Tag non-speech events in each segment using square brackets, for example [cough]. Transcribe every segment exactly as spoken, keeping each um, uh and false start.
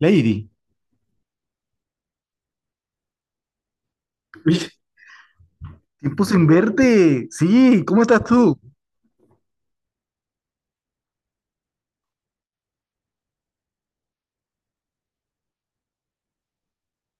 Lady, [laughs] Tiempo sin verte. Sí, ¿cómo estás tú?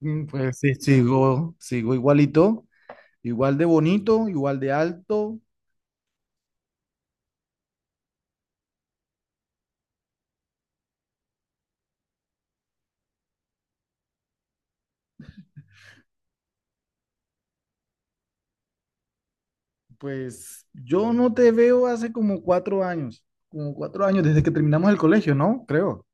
Mm, pues sí, sigo, sigo igualito, igual de bonito, igual de alto. Pues yo no te veo hace como cuatro años, como cuatro años desde que terminamos el colegio, ¿no? Creo.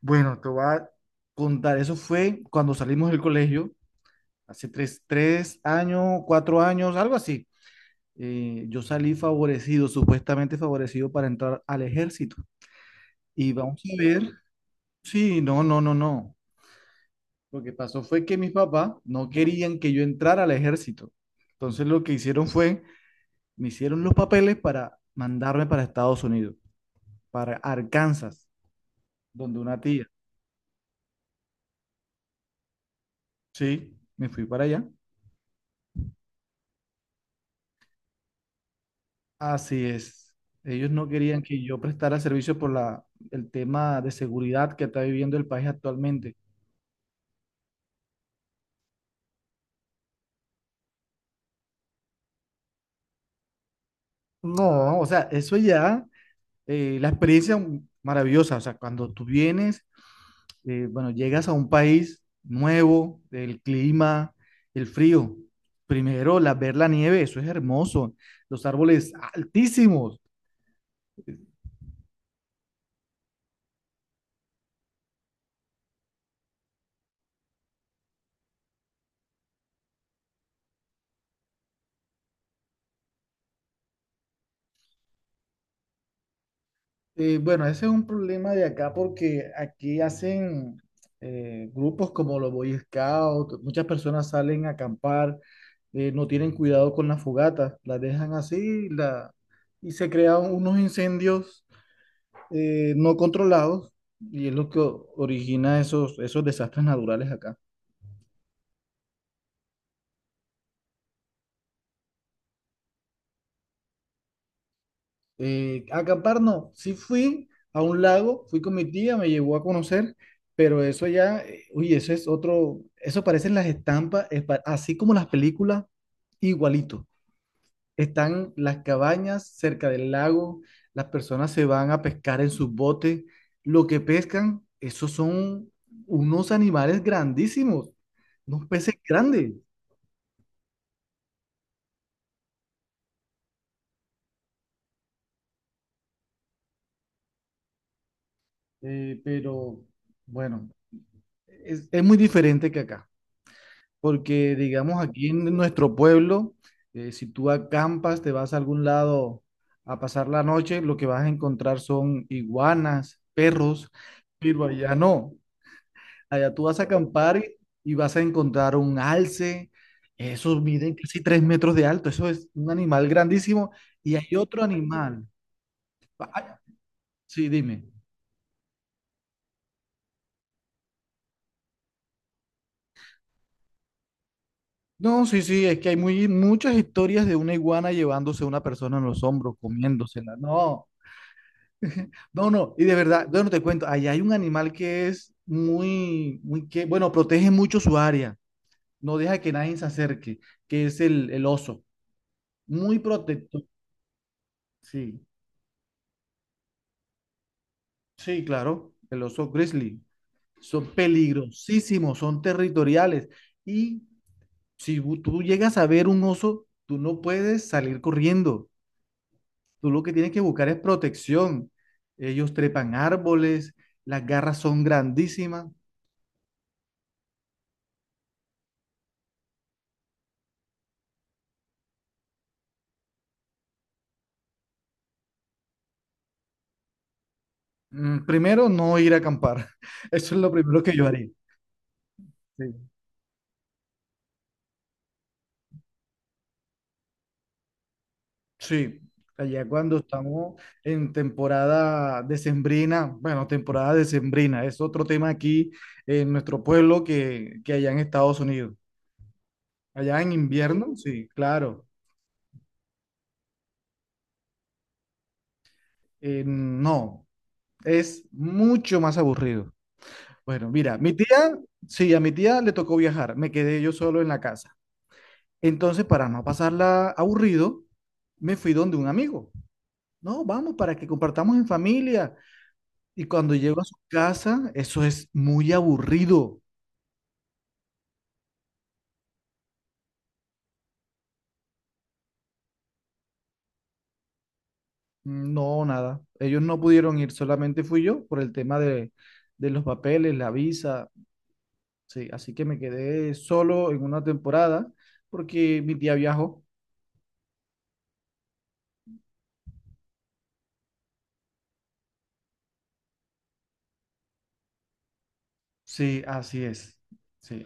Bueno, te voy a contar, eso fue cuando salimos del colegio, hace tres, tres años, cuatro años, algo así. Eh, yo salí favorecido, supuestamente favorecido para entrar al ejército. Y vamos a ver. Sí, no, no, no, no. Lo que pasó fue que mis papás no querían que yo entrara al ejército. Entonces lo que hicieron fue, me hicieron los papeles para mandarme para Estados Unidos, para Arkansas, donde una tía. Sí, me fui para allá. Así es. Ellos no querían que yo prestara servicio por la, el tema de seguridad que está viviendo el país actualmente. No, o sea, eso ya, eh, la experiencia mm, maravillosa, o sea, cuando tú vienes eh, bueno, llegas a un país nuevo, el clima, el frío. Primero, la, ver la nieve, eso es hermoso. Los árboles altísimos. Eh, bueno, ese es un problema de acá porque aquí hacen eh, grupos como los Boy Scouts, muchas personas salen a acampar, eh, no tienen cuidado con las fogatas, las dejan así la, y se crean unos incendios eh, no controlados, y es lo que o- origina esos, esos desastres naturales acá. Eh, acampar no, sí fui a un lago, fui con mi tía, me llevó a conocer, pero eso ya, eh, uy, eso es otro, eso parecen las estampas, es pa- así como las películas, igualito. Están las cabañas cerca del lago, las personas se van a pescar en sus botes, lo que pescan, esos son unos animales grandísimos, unos peces grandes. Eh, pero bueno, es es muy diferente que acá. Porque digamos aquí en nuestro pueblo, eh, si tú acampas, te vas a algún lado a pasar la noche, lo que vas a encontrar son iguanas, perros, pero allá no. Allá tú vas a acampar y, y vas a encontrar un alce, esos miden casi tres metros de alto, eso es un animal grandísimo y hay otro animal. Ah, sí, dime. No, sí, sí, es que hay muy, muchas historias de una iguana llevándose a una persona en los hombros, comiéndosela. No. [laughs] No, no, y de verdad, bueno, te cuento, allá hay un animal que es muy, muy que, bueno, protege mucho su área, no deja que nadie se acerque, que es el, el oso, muy protector, sí, sí, claro, el oso grizzly, son peligrosísimos, son territoriales, y si bu- tú llegas a ver un oso, tú no puedes salir corriendo, tú lo que tienes que buscar es protección, ellos trepan árboles, las garras son grandísimas. Mm, Primero, no ir a acampar. [laughs] Eso es lo primero que yo haría. Sí. Sí. Allá cuando estamos en temporada decembrina, bueno, temporada decembrina, es otro tema aquí en nuestro pueblo que, que allá en Estados Unidos. Allá en invierno, sí, claro. Eh, no, es mucho más aburrido. Bueno, mira, mi tía, sí, a mi tía le tocó viajar, me quedé yo solo en la casa. Entonces, para no pasarla aburrido, me fui donde un amigo. No, vamos, para que compartamos en familia. Y cuando llego a su casa, eso es muy aburrido. No, nada. Ellos no pudieron ir, solamente fui yo por el tema de, de los papeles, la visa. Sí, así que me quedé solo en una temporada porque mi tía viajó. Sí, así es. Sí.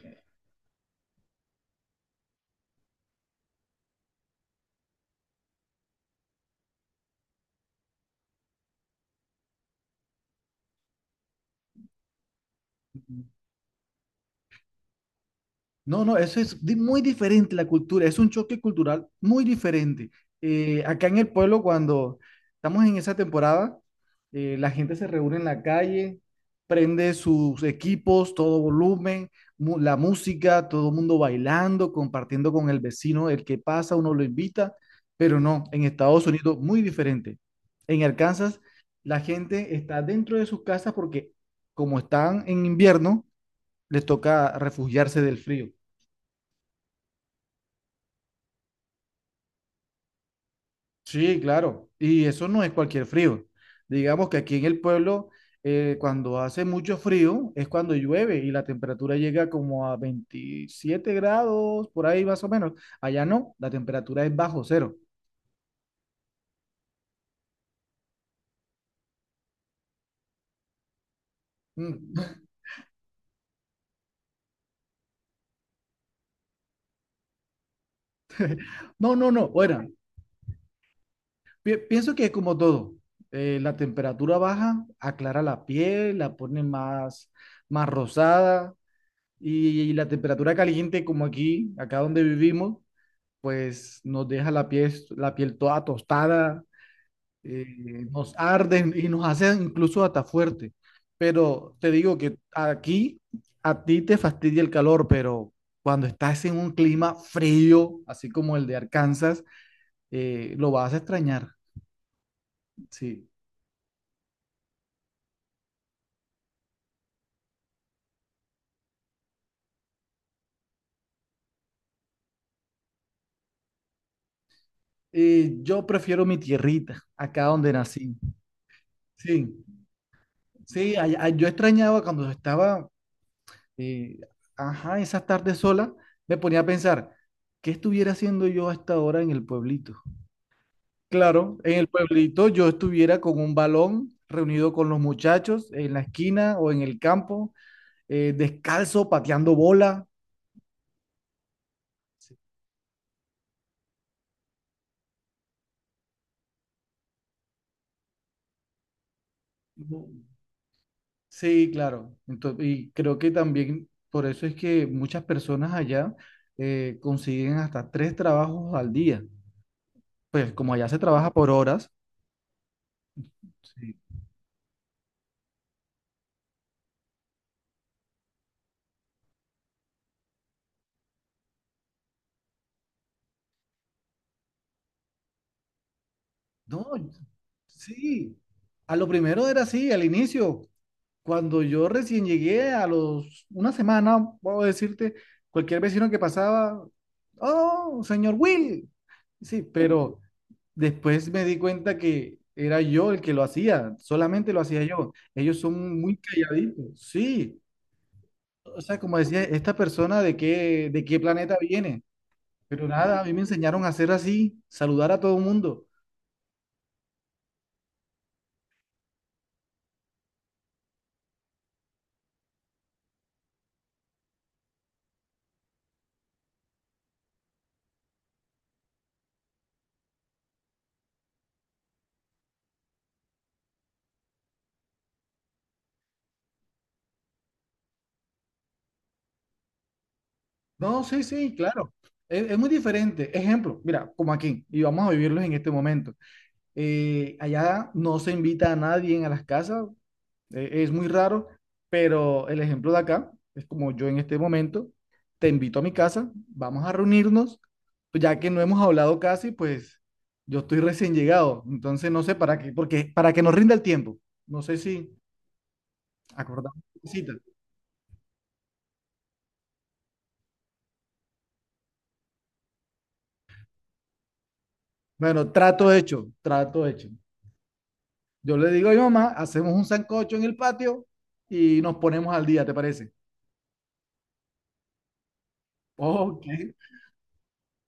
No, no, eso es di- muy diferente la cultura, es un choque cultural muy diferente. Eh, acá en el pueblo, cuando estamos en esa temporada, eh, la gente se reúne en la calle, prende sus equipos, todo volumen, mu- la música, todo el mundo bailando, compartiendo con el vecino, el que pasa, uno lo invita, pero no, en Estados Unidos muy diferente. En Arkansas, la gente está dentro de sus casas porque como están en invierno, les toca refugiarse del frío. Sí, claro. Y eso no es cualquier frío. Digamos que aquí en el pueblo, eh, cuando hace mucho frío, es cuando llueve y la temperatura llega como a veintisiete grados, por ahí más o menos. Allá no, la temperatura es bajo cero. Mm. [laughs] No, no, no. Bueno, pi- pienso que es como todo. Eh, la temperatura baja aclara la piel, la pone más, más rosada. Y la temperatura caliente como aquí, acá donde vivimos, pues nos deja la piel, la piel toda tostada. eh, Nos arden y nos hacen incluso hasta fuerte. Pero te digo que aquí a ti te fastidia el calor, pero cuando estás en un clima frío, así como el de Arkansas, eh, lo vas a extrañar, sí. Eh, yo prefiero mi tierrita, acá donde nací. Sí, sí, allá- yo extrañaba cuando estaba. Y, ajá, esas tardes solas me ponía a pensar, ¿qué estuviera haciendo yo a esta hora en el pueblito? Claro, en el pueblito yo estuviera con un balón reunido con los muchachos en la esquina o en el campo, eh, descalzo, pateando bola. Sí. Sí, claro. Entonces, y creo que también por eso es que muchas personas allá eh, consiguen hasta tres trabajos al día. Pues como allá se trabaja por horas. Sí. No, sí. A lo primero era así, al inicio. Cuando yo recién llegué a los una semana, puedo decirte, cualquier vecino que pasaba, oh, señor Will. Sí, pero después me di cuenta que era yo el que lo hacía, solamente lo hacía yo. Ellos son muy calladitos, sí. O sea, como decía, esta persona de qué, de qué planeta viene. Pero nada, a mí me enseñaron a hacer así, saludar a todo el mundo. No, sí, sí, claro. Es, es muy diferente. Ejemplo, mira, como aquí, y vamos a vivirlos en este momento. Eh, allá no se invita a nadie a las casas, eh, es muy raro, pero el ejemplo de acá es como yo en este momento, te invito a mi casa, vamos a reunirnos, pues ya que no hemos hablado casi, pues yo estoy recién llegado, entonces no sé para qué, porque para que nos rinda el tiempo. No sé si acordamos la cita. Bueno, trato hecho, trato hecho. Yo le digo a mi mamá, hacemos un sancocho en el patio y nos ponemos al día, ¿te parece? Ok.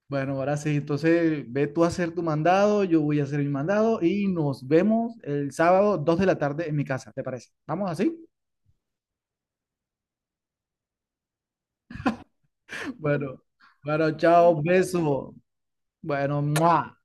Bueno, ahora sí, entonces ve tú a hacer tu mandado, yo voy a hacer mi mandado y nos vemos el sábado dos de la tarde en mi casa, ¿te parece? ¿Vamos así? Bueno, bueno, chao, beso. Bueno, ¡mua!